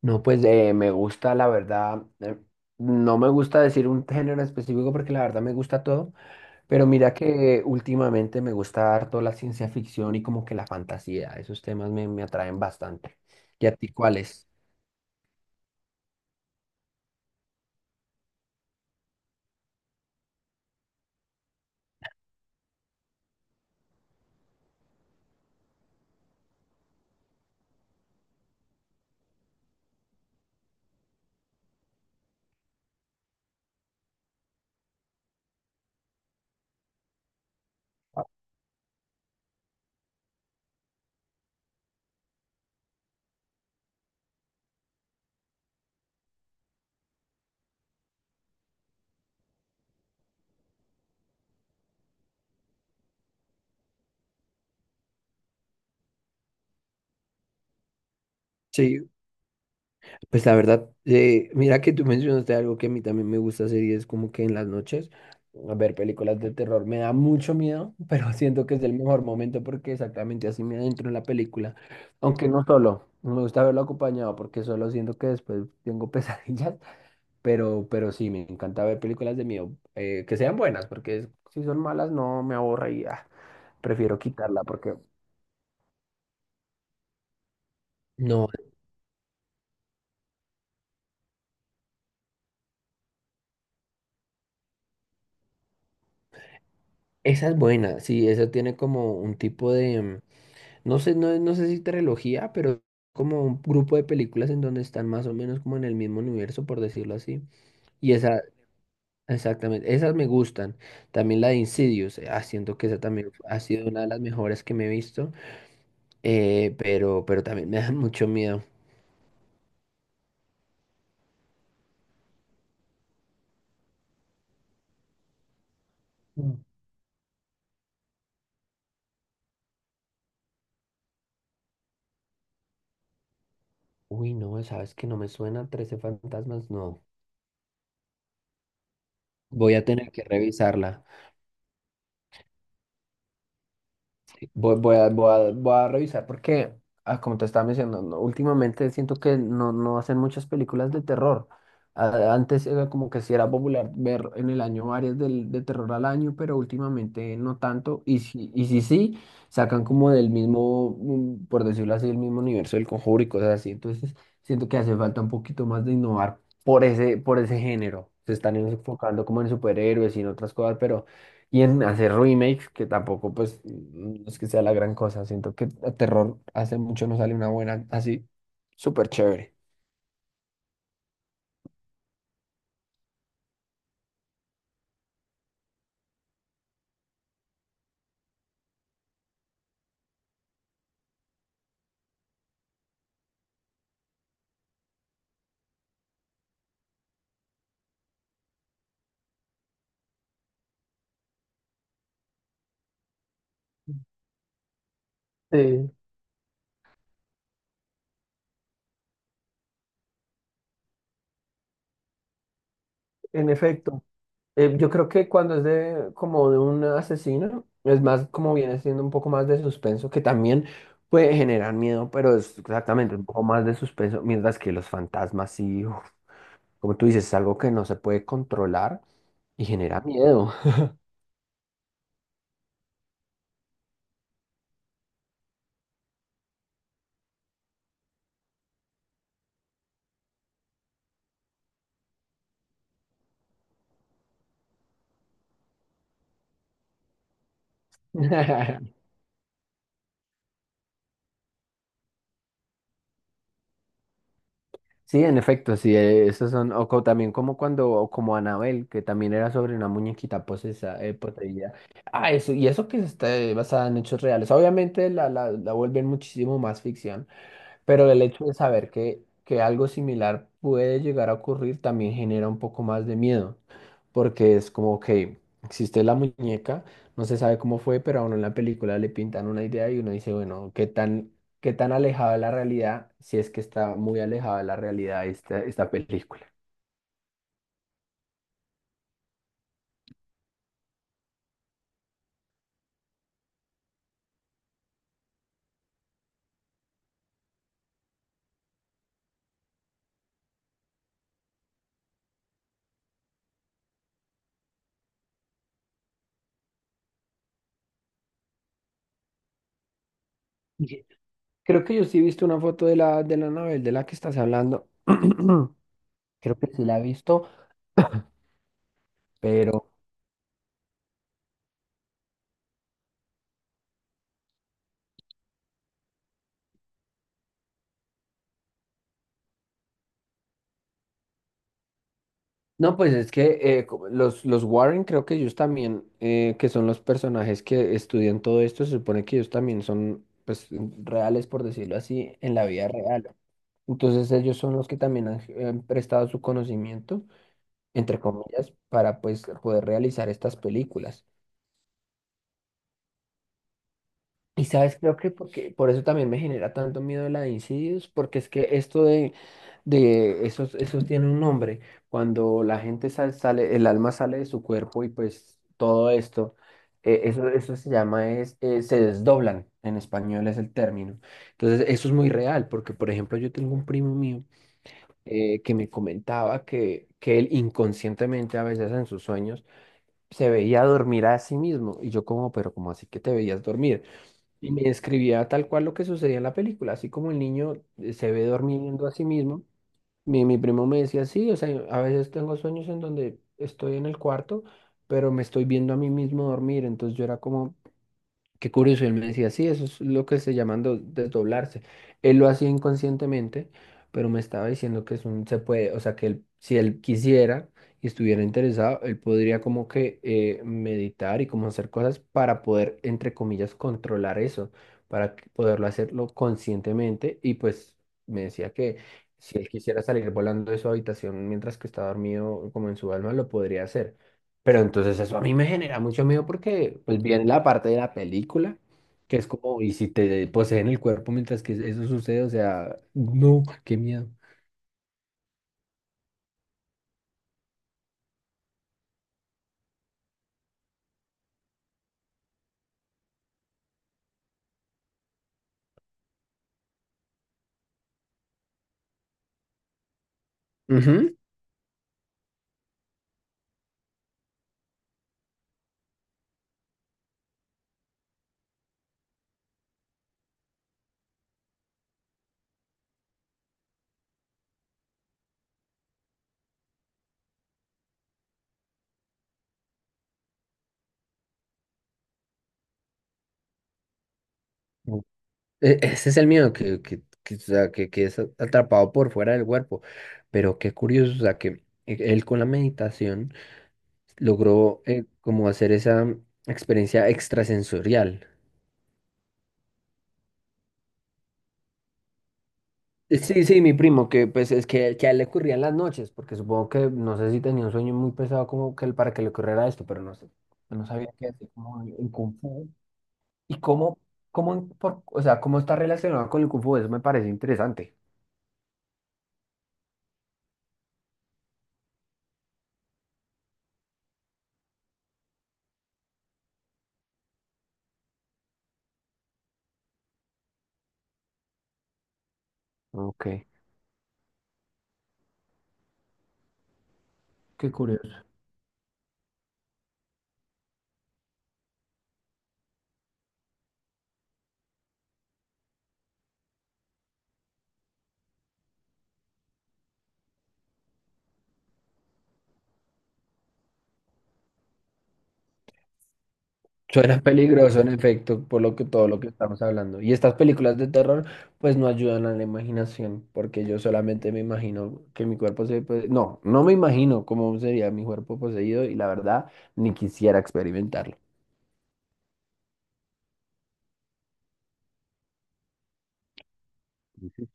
No, pues me gusta, la verdad, no me gusta decir un género específico porque la verdad me gusta todo, pero mira que últimamente me gusta harto la ciencia ficción y como que la fantasía, esos temas me atraen bastante. ¿Y a ti cuáles? Sí, pues la verdad, mira que tú mencionaste algo que a mí también me gusta hacer y es como que en las noches a ver películas de terror. Me da mucho miedo, pero siento que es el mejor momento porque exactamente así me adentro en la película. Aunque no solo, no me gusta verlo acompañado porque solo siento que después tengo pesadillas, pero sí, me encanta ver películas de miedo que sean buenas porque si son malas no me aborre y ah, prefiero quitarla porque... No, esa es buena, sí, esa tiene como un tipo de... No sé, no sé si trilogía, pero como un grupo de películas en donde están más o menos como en el mismo universo, por decirlo así. Y esa, exactamente, esas me gustan. También la de Insidious, siento que esa también ha sido una de las mejores que me he visto, pero también me da mucho miedo. Mm. Uy, no, ¿sabes que no me suena Trece fantasmas? No. Voy a tener que revisarla. Voy a revisar porque, ah, como te estaba mencionando, no, últimamente siento que no hacen muchas películas de terror. Antes era como que sí era popular ver en el año varias de terror al año, pero últimamente no tanto. Y si sí, sacan como del mismo, por decirlo así, el mismo universo del Conjuro y cosas así. Entonces siento que hace falta un poquito más de innovar por ese género. Se están enfocando como en superhéroes y en otras cosas, pero... Y en hacer remakes, que tampoco, pues, no es que sea la gran cosa. Siento que a terror hace mucho no sale una buena, así, súper chévere. Sí, en efecto. Yo creo que cuando es de como de un asesino, es más como viene siendo un poco más de suspenso, que también puede generar miedo, pero es exactamente un poco más de suspenso, mientras que los fantasmas sí, uf, como tú dices, es algo que no se puede controlar y genera miedo. Sí, en efecto, sí, esos son, o también como cuando, o como Anabel, que también era sobre una muñequita posesa, poseída. Ah, eso, y eso que está basada en hechos reales. Obviamente la vuelven muchísimo más ficción, pero el hecho de saber que algo similar puede llegar a ocurrir también genera un poco más de miedo, porque es como que existe la muñeca, no se sabe cómo fue, pero a uno en la película le pintan una idea y uno dice, bueno, ¿qué tan alejada de la realidad, si es que está muy alejada de la realidad esta película? Y creo que yo sí he visto una foto de de la Anabel de la que estás hablando. Creo que sí la he visto. No, pues es que los Warren creo que ellos también, que son los personajes que estudian todo esto, se supone que ellos también son pues reales, por decirlo así, en la vida real. Entonces ellos son los que también han prestado su conocimiento, entre comillas, para pues poder realizar estas películas. Y sabes, creo que porque, por eso también me genera tanto miedo la de incidios, porque es que esto de esos, esos tiene un nombre. Cuando la gente sale, el alma sale de su cuerpo y pues todo esto, eso se llama, se desdoblan, en español es el término. Entonces, eso es muy real, porque por ejemplo, yo tengo un primo mío que me comentaba que él inconscientemente a veces en sus sueños se veía dormir a sí mismo. Y yo como, pero ¿cómo así que te veías dormir? Y me describía tal cual lo que sucedía en la película, así como el niño se ve durmiendo a sí mismo. Mi primo me decía, sí, o sea, a veces tengo sueños en donde estoy en el cuarto, pero me estoy viendo a mí mismo dormir. Entonces yo era como, qué curioso, y él me decía, sí, eso es lo que se llaman desdoblarse. Él lo hacía inconscientemente, pero me estaba diciendo que es un, se puede, o sea, que él, si él quisiera y estuviera interesado, él podría como que meditar y como hacer cosas para poder, entre comillas, controlar eso, poderlo hacerlo conscientemente. Y pues me decía que si él quisiera salir volando de su habitación mientras que está dormido, como en su alma, lo podría hacer. Pero entonces eso a mí me genera mucho miedo porque pues viene la parte de la película, que es como, y si te poseen el cuerpo mientras que eso sucede, o sea, no, qué miedo. Ujú. Ese es el miedo, o sea, que es atrapado por fuera del cuerpo. Pero qué curioso, o sea, que él con la meditación logró como hacer esa experiencia extrasensorial. Sí, sí, mi primo, que pues es que a él le ocurrían las noches, porque supongo que no sé si tenía un sueño muy pesado como que él para que le ocurriera esto, pero no sé, no sabía qué hacer como en Kung Fu. Y cómo, o sea, cómo está relacionado con el Kung Fu, eso me parece interesante. Ok, qué curioso. Suena peligroso, en efecto, por lo que todo lo que estamos hablando. Y estas películas de terror, pues no ayudan a la imaginación, porque yo solamente me imagino que mi cuerpo se... no, no me imagino cómo sería mi cuerpo poseído y la verdad, ni quisiera experimentarlo. Ujú.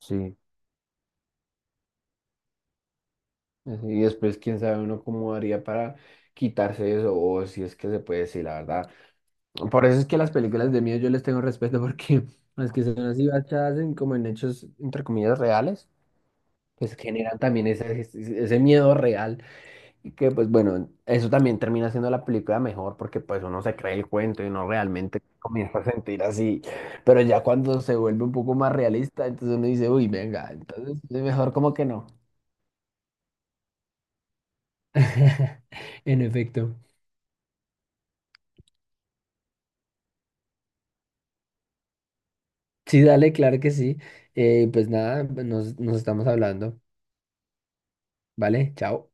Sí. Así, y después, quién sabe uno cómo haría para quitarse eso, o si es que se puede, sí, la verdad. Por eso es que las películas de miedo yo les tengo respeto, porque las que son así basadas en como en hechos, entre comillas, reales. Pues generan también ese ese miedo real y que pues bueno, eso también termina siendo la película mejor porque pues uno se cree el cuento y no realmente comienza a sentir así, pero ya cuando se vuelve un poco más realista, entonces uno dice, uy, venga, entonces es mejor como que no. En efecto. Sí, dale, claro que sí. Pues nada, nos estamos hablando. Vale, chao.